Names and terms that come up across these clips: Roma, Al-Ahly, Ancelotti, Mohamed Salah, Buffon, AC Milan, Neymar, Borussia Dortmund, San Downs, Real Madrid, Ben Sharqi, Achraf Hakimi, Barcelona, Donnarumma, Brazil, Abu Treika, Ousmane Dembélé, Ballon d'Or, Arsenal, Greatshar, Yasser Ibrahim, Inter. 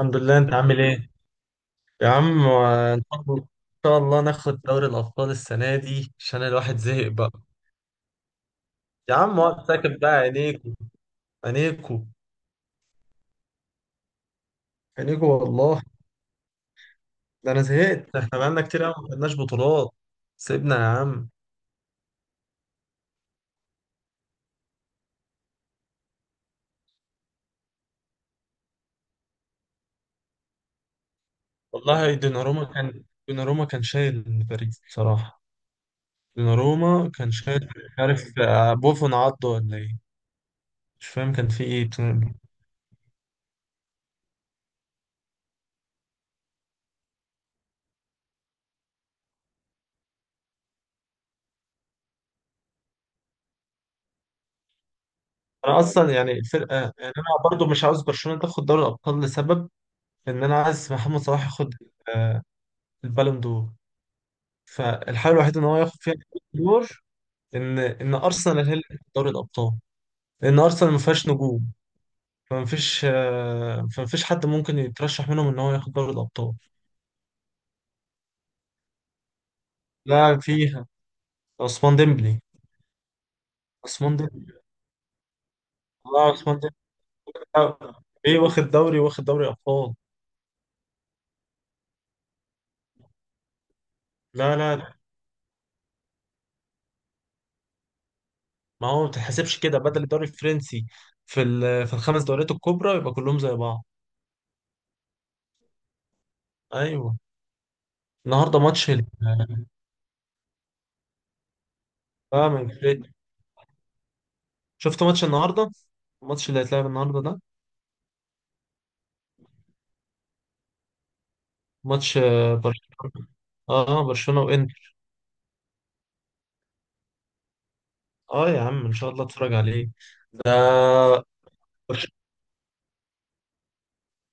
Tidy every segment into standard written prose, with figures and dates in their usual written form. الحمد لله، انت عامل ايه؟ يا عم، آه، ان شاء الله ان شاء الله ناخد دوري الابطال السنه دي عشان الواحد زهق بقى. يا عم وقت ساكت بقى. عينيكو، عينيكو، عينيكو والله. ده انا زهقت، احنا بقالنا كتير قوي ما خدناش بطولات. سيبنا يا عم. والله دوناروما كان شايل باريس بصراحه. دوناروما كان شايل، مش عارف، بوفون عضه ولا ايه. مش فاهم كان في ايه بصراحة. انا اصلا يعني الفرقه يعني. انا برضو مش عاوز برشلونه تاخد دوري الابطال لسبب ان انا عايز محمد صلاح ياخد آه، البالون دور. فالحل الوحيد ان هو ياخد فيها البالون دور، ان ارسنال هي اللي تاخد دوري الابطال لان ارسنال ما فيهاش نجوم. فما فيش حد ممكن يترشح منهم ان هو ياخد دوري الابطال. لا فيها عثمان ديمبلي عثمان ديمبلي. لا، عثمان ديمبلي ايه؟ واخد دوري ابطال. لا لا لا، ما هو ما بتتحسبش كده بدل الدوري الفرنسي. في الخمس دوريات الكبرى يبقى كلهم زي بعض. ايوه. النهارده ماتش اه، ما يفرقش. شفت ماتش النهارده؟ الماتش اللي هيتلعب النهارده ده، ماتش برشلونه. اه، برشلونه وانتر. اه يا عم ان شاء الله اتفرج عليه. برش-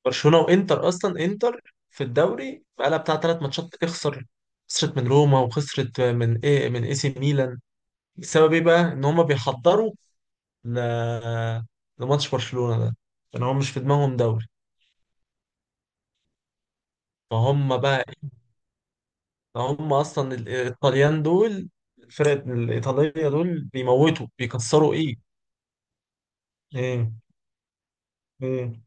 برشلونه وانتر. اصلا انتر في الدوري بقالها بتاع 3 ماتشات تخسر، خسرت من روما وخسرت من ايه، من اي سي ميلان. بسبب ايه بقى؟ ان هم بيحضروا ل... لماتش برشلونه ده، لان هم مش في دماغهم دوري. فهم بقى، هم اصلا الايطاليان دول، الفرق الايطاليه دول بيموتوا بيكسروا ايه. ايه. ايه.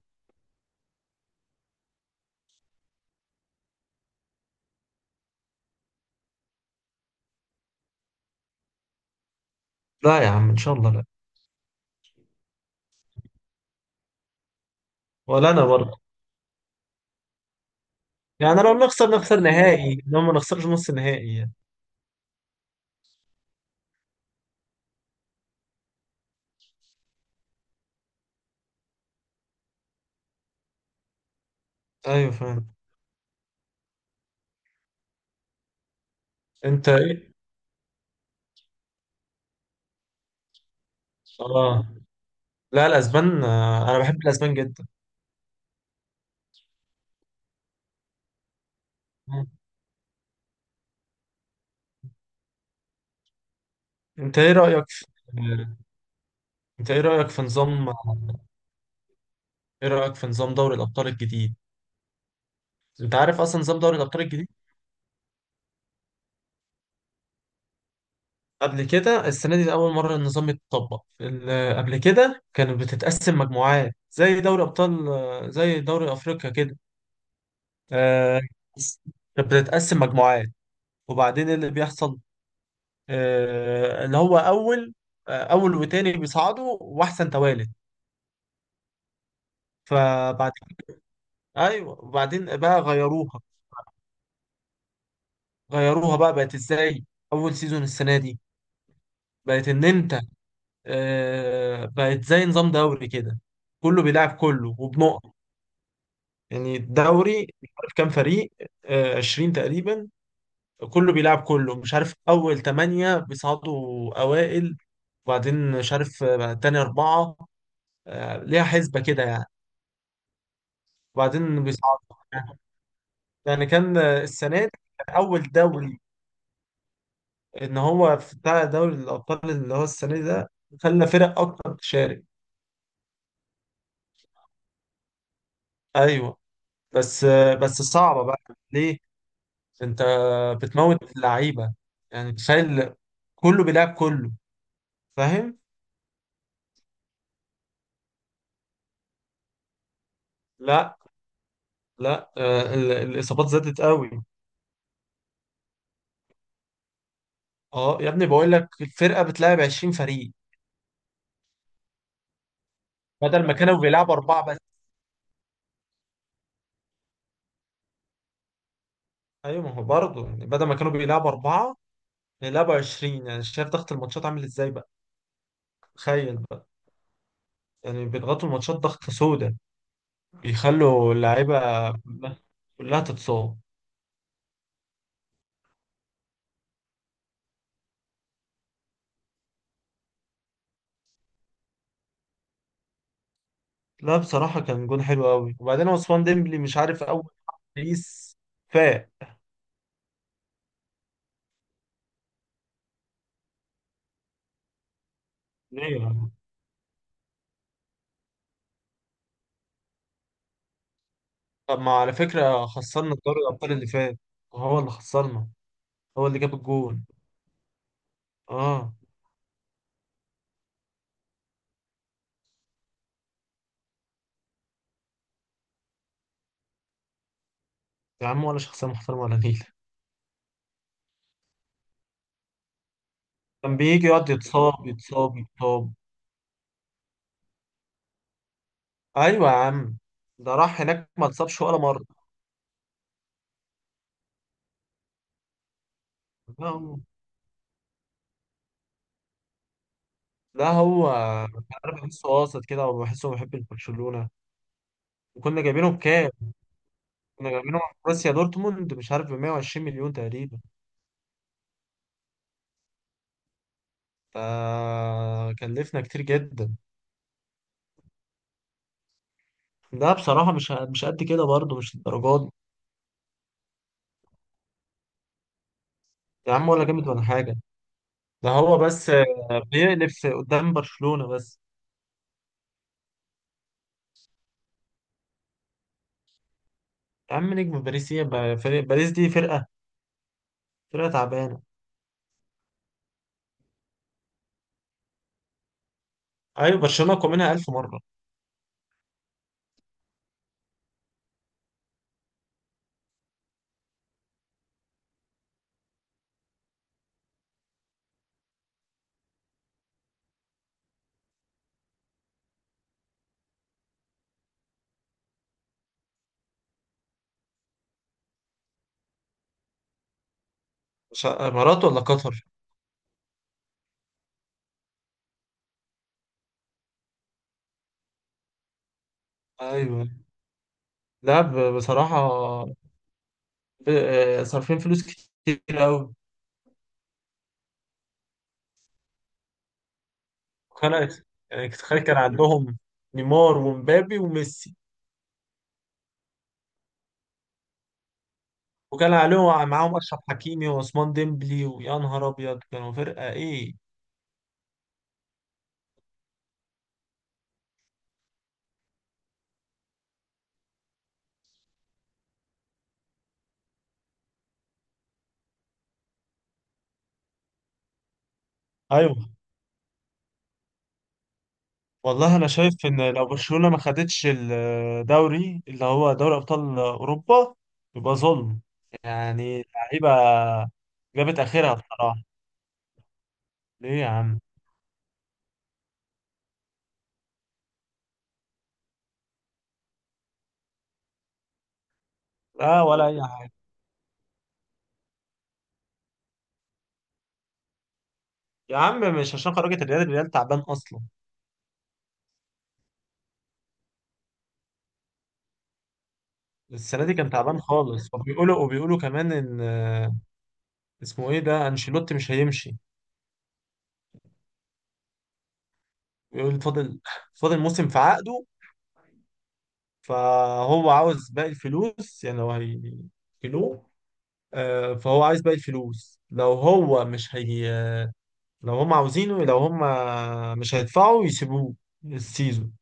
لا يا عم ان شاء الله لا. ولا انا برضه. يعني لو نخسر، نخسر نهائي، لو ما نخسرش نص نهائي يعني. ايوه فاهم. انت ايه؟ اه. لا الاسبان، انا بحب الاسبان جدا. مم. انت ايه رايك في آه، انت ايه رايك في نظام آه، ايه رايك في نظام دوري الابطال الجديد؟ انت عارف اصلا نظام دوري الابطال الجديد؟ قبل كده، السنه دي ده اول مره النظام يتطبق. قبل كده كانت بتتقسم مجموعات، زي دوري ابطال، زي دوري افريقيا كده. آه، كانت بتتقسم مجموعات، وبعدين اللي بيحصل آه، اللي هو اول آه، اول وتاني بيصعدوا واحسن توالد. فبعد، ايوه، وبعدين بقى غيروها. غيروها بقى بقت ازاي؟ اول سيزون السنه دي بقت ان انت، بقت زي نظام دوري كده، كله بيلعب كله وبنقط. يعني الدوري مش عارف كام فريق، 20 تقريبا. كله بيلعب كله، مش عارف اول 8 بيصعدوا اوائل، وبعدين مش عارف تاني 4. ليها حسبة كده يعني. وبعدين بيصعدوا. يعني كان السنة دي، كان أول دوري، إن هو في بتاع دوري الأبطال اللي هو السنة دي ده خلى فرق أكتر تشارك. أيوه. بس بس صعبة بقى. ليه؟ أنت بتموت اللعيبة. يعني تخيل كله بيلعب كله، فاهم؟ لا لا، الإصابات زادت قوي. أه يا ابني بقول لك الفرقة بتلعب 20 فريق، بدل ما كانوا بيلعبوا 4 بس. أيوه ما هو برضه، يعني بدل ما كانوا بيلعبوا 4 بيلعبوا 20. يعني شايف ضغط الماتشات عامل إزاي بقى؟ تخيل بقى. يعني بيضغطوا الماتشات ضغطة سودة، بيخلوا اللعيبة كلها تتصاب. لا بصراحة كان جون حلو قوي. وبعدين عثمان ديمبلي، مش عارف، أول بيس فاق. ليه؟ طب ما على فكرة خسرنا دوري الأبطال اللي فات، وهو اللي خسرنا، هو اللي جاب الجون. اه. يا عم ولا شخصية محترمة ولا نيلة. كان بيجي يقعد يتصاب يتصاب يتصاب. أيوة يا عم، ده راح هناك ما اتصابش ولا مرة. لا، لا هو، انا بحسه قاصد كده وبحسه بحب البرشلونه. وكنا جايبينه بكام؟ كنا جايبينه من بروسيا دورتموند، مش عارف، ب 120 مليون تقريبا، فكلفنا كتير جدا. ده بصراحه مش قد كده، برضه مش الدرجات دي. يا عم ولا جامد ولا حاجه. ده هو بس بيقلب قدام برشلونه بس. يا عم نجم باريس ايه بقى؟ باريس دي فرقه، فرقه تعبانه. ايوه برشلونه اقوى منها 1000 مره. امارات ولا قطر. ايوه. لا بصراحه، صارفين فلوس كتير قوي. خلاص. يعني تخيل كان عندهم نيمار ومبابي وميسي، وكان عليهم معاهم اشرف حكيمي وعثمان ديمبلي، ويا نهار ابيض كانوا فرقه ايه. ايوه. والله انا شايف ان لو برشلونة ما خدتش الدوري اللي هو دوري ابطال اوروبا يبقى ظلم. يعني اللعيبة جابت اخرها بصراحة. ليه يا عم؟ لا ولا اي حاجة. يا عم مش عشان خرجت الريال، الريال تعبان اصلا. السنه دي كان تعبان خالص، وبيقولوا كمان ان اسمه ايه ده انشيلوتي، مش هيمشي. بيقول فاضل، فاضل موسم في عقده، فهو عاوز باقي الفلوس. يعني لو هيكلوه، فهو عايز باقي الفلوس لو هو مش هي. لو هم عاوزينه، لو هم مش هيدفعوا يسيبوه السيزون.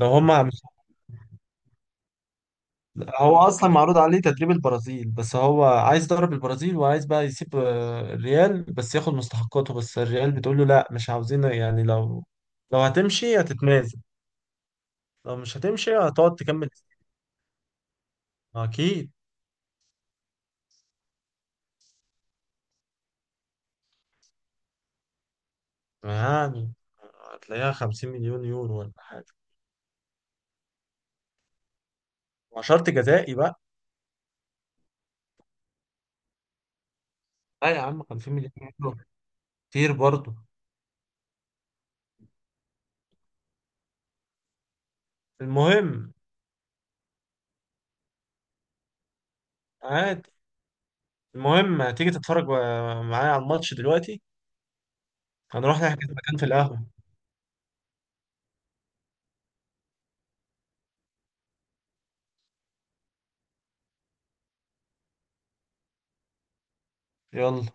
لو هم، هو اصلا معروض عليه تدريب البرازيل، بس هو عايز يدرب البرازيل وعايز بقى يسيب الريال، بس ياخد مستحقاته. بس الريال بتقول له لا، مش عاوزين، يعني لو، لو هتمشي هتتنازل، لو مش هتمشي هتقعد تكمل. اكيد. يعني هتلاقيها 50 مليون يورو ولا حاجه، مع شرط جزائي بقى. لا يا عم 50 مليون يورو كتير برضه. المهم. عادي. المهم هتيجي تتفرج معايا على الماتش دلوقتي؟ هنروح نحجز مكان في القهوه. يلا.